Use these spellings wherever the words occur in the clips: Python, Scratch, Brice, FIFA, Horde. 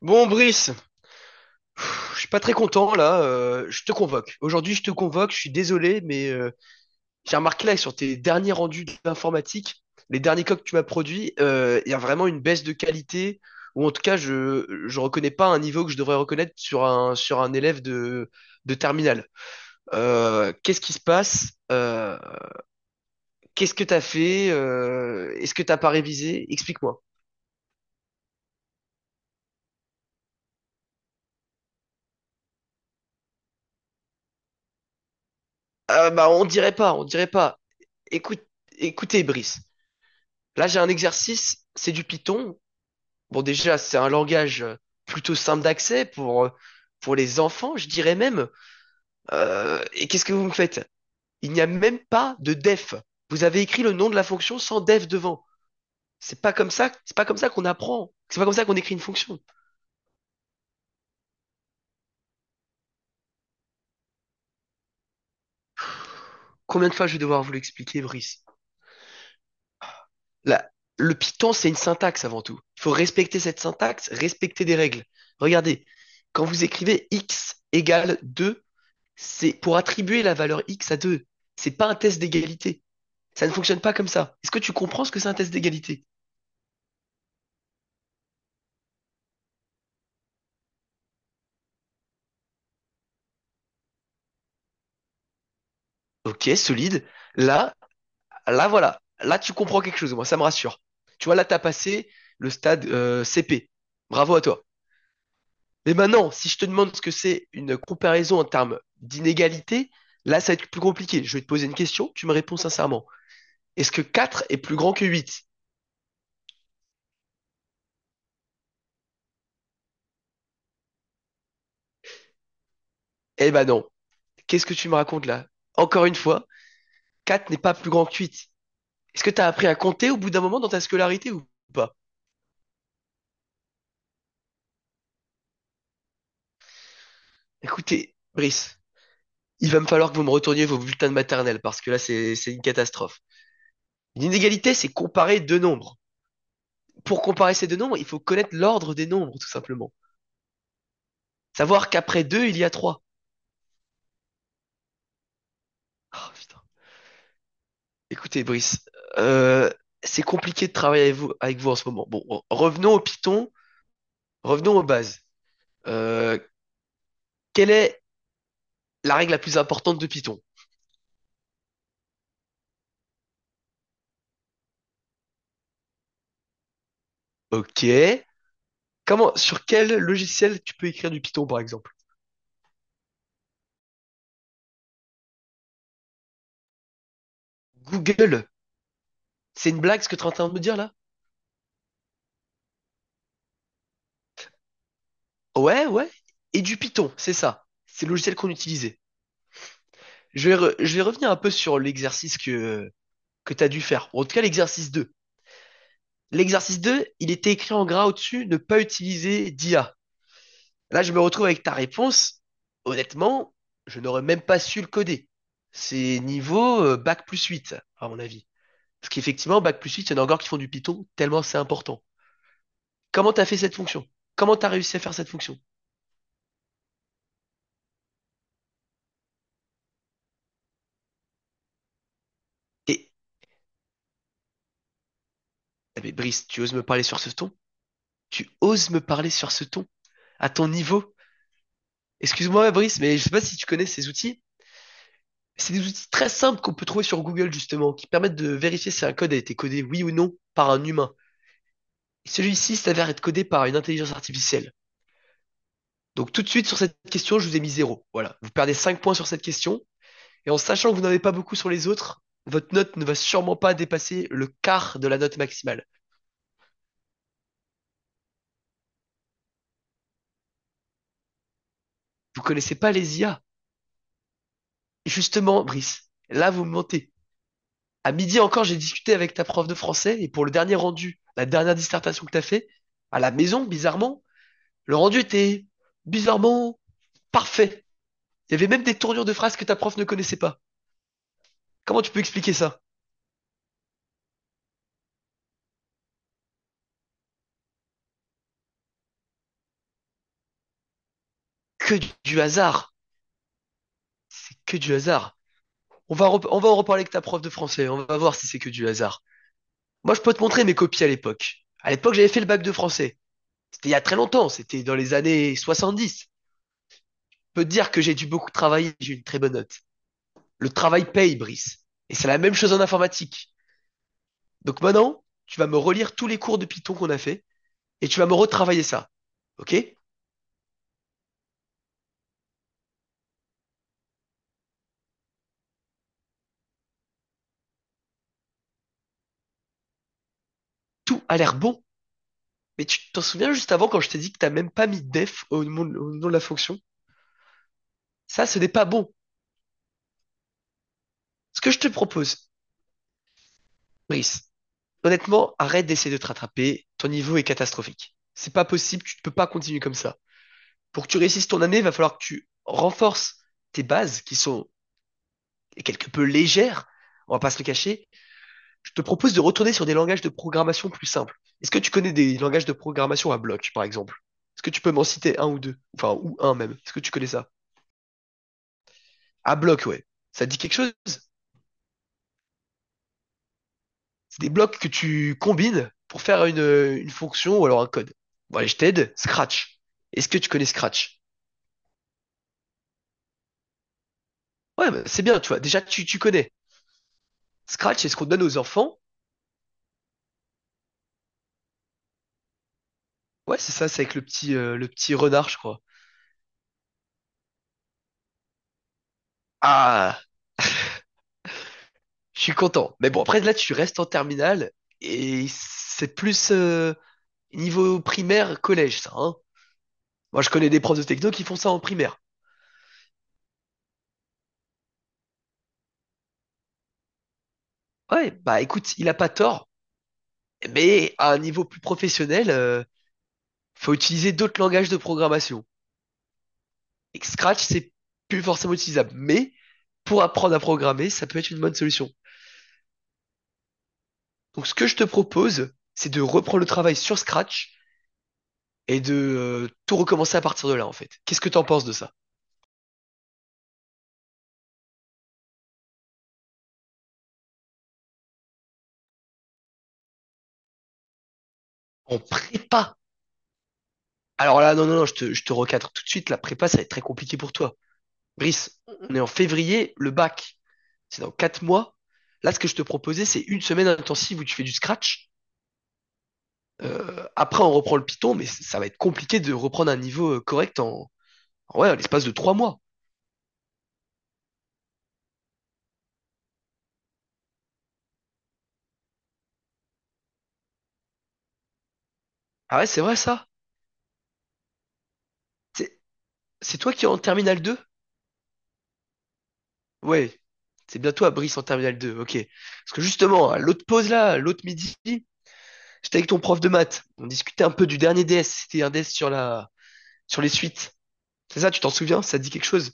Bon, Brice, je suis pas très content là. Je te convoque. Aujourd'hui, je te convoque. Je suis désolé, mais j'ai remarqué là que sur tes derniers rendus d'informatique, les derniers coques que tu m'as produits, il y a vraiment une baisse de qualité. Ou en tout cas, je reconnais pas un niveau que je devrais reconnaître sur un élève de terminale. Qu'est-ce qui se passe? Qu'est-ce que t'as fait? Est-ce que t'as pas révisé? Explique-moi. Ah bah on dirait pas, on dirait pas. Écoute, Écoutez, Brice. Là, j'ai un exercice, c'est du Python. Bon, déjà, c'est un langage plutôt simple d'accès pour les enfants, je dirais même. Et qu'est-ce que vous me faites? Il n'y a même pas de def. Vous avez écrit le nom de la fonction sans def devant. C'est pas comme ça, c'est pas comme ça qu'on apprend. C'est pas comme ça qu'on écrit une fonction. Combien de fois je vais devoir vous l'expliquer, Brice? Là, le Python, c'est une syntaxe avant tout. Il faut respecter cette syntaxe, respecter des règles. Regardez, quand vous écrivez x égale 2. C'est pour attribuer la valeur x à 2. C'est pas un test d'égalité. Ça ne fonctionne pas comme ça. Est-ce que tu comprends ce que c'est un test d'égalité? Ok, solide. Là, là, voilà. Là, tu comprends quelque chose, moi, ça me rassure. Tu vois, là, tu as passé le stade CP. Bravo à toi. Mais maintenant, si je te demande ce que c'est une comparaison en termes d'inégalité, là, ça va être plus compliqué. Je vais te poser une question, tu me réponds sincèrement. Est-ce que 4 est plus grand que 8? Eh ben non. Qu'est-ce que tu me racontes là? Encore une fois, 4 n'est pas plus grand que 8. Est-ce que t'as appris à compter au bout d'un moment dans ta scolarité ou pas? Écoutez, Brice, il va me falloir que vous me retourniez vos bulletins de maternelle parce que là, c'est une catastrophe. Une inégalité, c'est comparer deux nombres. Pour comparer ces deux nombres, il faut connaître l'ordre des nombres, tout simplement. Savoir qu'après deux, il y a trois. Ah, putain. Écoutez, Brice, euh, c'est compliqué de travailler avec vous, en ce moment. Bon, revenons au Python, revenons aux bases. Euh, Quelle est la règle la plus importante de Python? Ok. Sur quel logiciel tu peux écrire du Python, par exemple? Google. C'est une blague ce que tu es en train de me dire là? Ouais, ouais. Et du Python, c'est ça. C'est le logiciel qu'on utilisait. Je vais revenir un peu sur l'exercice que tu as dû faire. Bon, en tout cas, l'exercice 2. L'exercice 2, il était écrit en gras au-dessus, ne pas utiliser d'IA. Là, je me retrouve avec ta réponse. Honnêtement, je n'aurais même pas su le coder. C'est niveau bac plus 8, à mon avis. Parce qu'effectivement, bac plus 8, il y en a encore qui font du Python, tellement c'est important. Comment t'as fait cette fonction? Comment t'as réussi à faire cette fonction? Et Ah, mais Brice, tu oses me parler sur ce ton? Tu oses me parler sur ce ton? À ton niveau? Excuse-moi, Brice, mais je sais pas si tu connais ces outils. C'est des outils très simples qu'on peut trouver sur Google, justement, qui permettent de vérifier si un code a été codé oui ou non par un humain. Et celui-ci s'avère être codé par une intelligence artificielle. Donc tout de suite sur cette question, je vous ai mis zéro. Voilà. Vous perdez 5 points sur cette question. Et en sachant que vous n'en avez pas beaucoup sur les autres, votre note ne va sûrement pas dépasser le quart de la note maximale. Vous connaissez pas les IA. Et justement, Brice, là vous me mentez. À midi encore, j'ai discuté avec ta prof de français et pour le dernier rendu, la dernière dissertation que t'as fait, à la maison, bizarrement, le rendu était bizarrement parfait. Il y avait même des tournures de phrases que ta prof ne connaissait pas. Comment tu peux expliquer ça? Que du hasard, que du hasard. On va en reparler avec ta prof de français, on va voir si c'est que du hasard. Moi, je peux te montrer mes copies à l'époque. À l'époque, j'avais fait le bac de français. C'était il y a très longtemps, c'était dans les années 70. Je peux te dire que j'ai dû beaucoup travailler, j'ai eu une très bonne note. Le travail paye, Brice. Et c'est la même chose en informatique. Donc maintenant, tu vas me relire tous les cours de Python qu'on a fait et tu vas me retravailler ça. Ok? Tout a l'air bon. Mais tu t'en souviens juste avant quand je t'ai dit que t'as même pas mis def au nom de la fonction? Ça, ce n'est pas bon. Ce que je te propose, Brice, honnêtement, arrête d'essayer de te rattraper. Ton niveau est catastrophique. C'est pas possible, tu ne peux pas continuer comme ça. Pour que tu réussisses ton année, il va falloir que tu renforces tes bases qui sont quelque peu légères, on va pas se le cacher. Je te propose de retourner sur des langages de programmation plus simples. Est-ce que tu connais des langages de programmation à bloc, par exemple? Est-ce que tu peux m'en citer un ou deux? Enfin, ou un même. Est-ce que tu connais ça? À bloc, ouais. Ça te dit quelque chose? C'est des blocs que tu combines pour faire une fonction ou alors un code. Bon, allez, je t'aide. Scratch. Est-ce que tu connais Scratch? Ouais, bah, c'est bien, tu vois. Déjà, tu connais. Scratch, c'est ce qu'on donne aux enfants. Ouais, c'est ça, c'est avec le petit renard, je crois. Ah, je suis content. Mais bon, après, là, tu restes en terminale et c'est plus, niveau primaire, collège, ça, hein. Moi, je connais des profs de techno qui font ça en primaire. Ouais, bah écoute, il a pas tort, mais à un niveau plus professionnel, faut utiliser d'autres langages de programmation. Et Scratch, c'est plus forcément utilisable, mais pour apprendre à programmer, ça peut être une bonne solution. Donc, ce que je te propose, c'est de reprendre le travail sur Scratch et de tout recommencer à partir de là, en fait. Qu'est-ce que t'en penses de ça? En prépa. Alors là, non, non, non, je te recadre tout de suite. La prépa, ça va être très compliqué pour toi. Brice, on est en février, le bac, c'est dans 4 mois. Là, ce que je te proposais, c'est une semaine intensive où tu fais du scratch. Après, on reprend le Python, mais ça va être compliqué de reprendre un niveau correct ouais, en l'espace de 3 mois. Ah ouais, c'est vrai ça? C'est c'est toi qui es en terminale 2. Ouais, c'est bien toi, Brice, en terminale 2. Ok. Parce que justement, à l'autre midi, j'étais avec ton prof de maths. On discutait un peu du dernier DS. C'était un DS sur les suites. C'est ça, tu t'en souviens? Ça te dit quelque chose?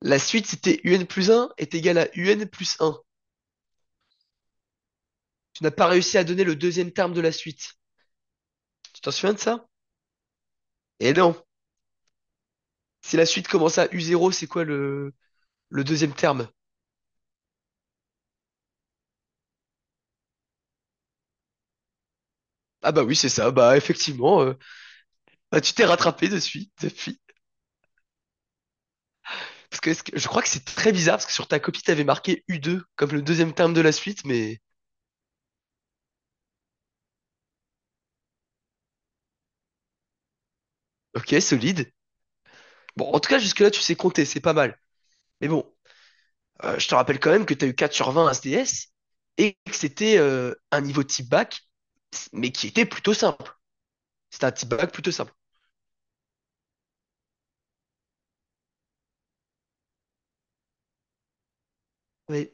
La suite, c'était UN plus un est égal à UN plus un. Tu n'as pas réussi à donner le deuxième terme de la suite. Tu t'en souviens de ça? Et non. Si la suite commence à u zéro, c'est quoi le deuxième terme? Ah bah oui, c'est ça. Bah effectivement, tu t'es rattrapé dessus, depuis. Parce que, je crois que c'est très bizarre parce que sur ta copie, t'avais marqué u deux comme le deuxième terme de la suite, mais ok, solide. Bon, en tout cas, jusque-là, tu sais compter, c'est pas mal. Mais bon, je te rappelle quand même que t'as eu 4/20 à SDS et que c'était un niveau type bac, mais qui était plutôt simple. C'était un type bac plutôt simple. Mais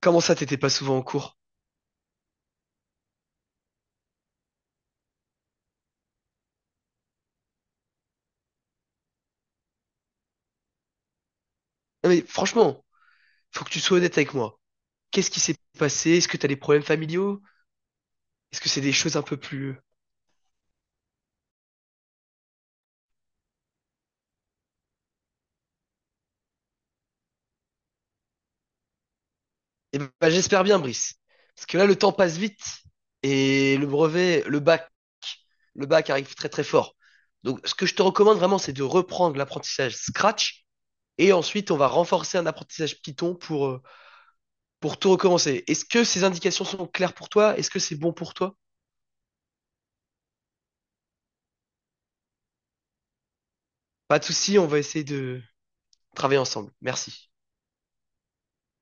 Comment ça, t'étais pas souvent en cours? Non mais franchement, faut que tu sois honnête avec moi. Qu'est-ce qui s'est passé? Est-ce que t'as des problèmes familiaux? Est-ce que c'est des choses un peu plus... Eh ben, j'espère bien, Brice. Parce que là, le temps passe vite et le brevet, le bac arrive très très fort. Donc, ce que je te recommande vraiment, c'est de reprendre l'apprentissage Scratch et ensuite, on va renforcer un apprentissage Python pour tout recommencer. Est-ce que ces indications sont claires pour toi? Est-ce que c'est bon pour toi? Pas de souci, on va essayer de travailler ensemble. Merci.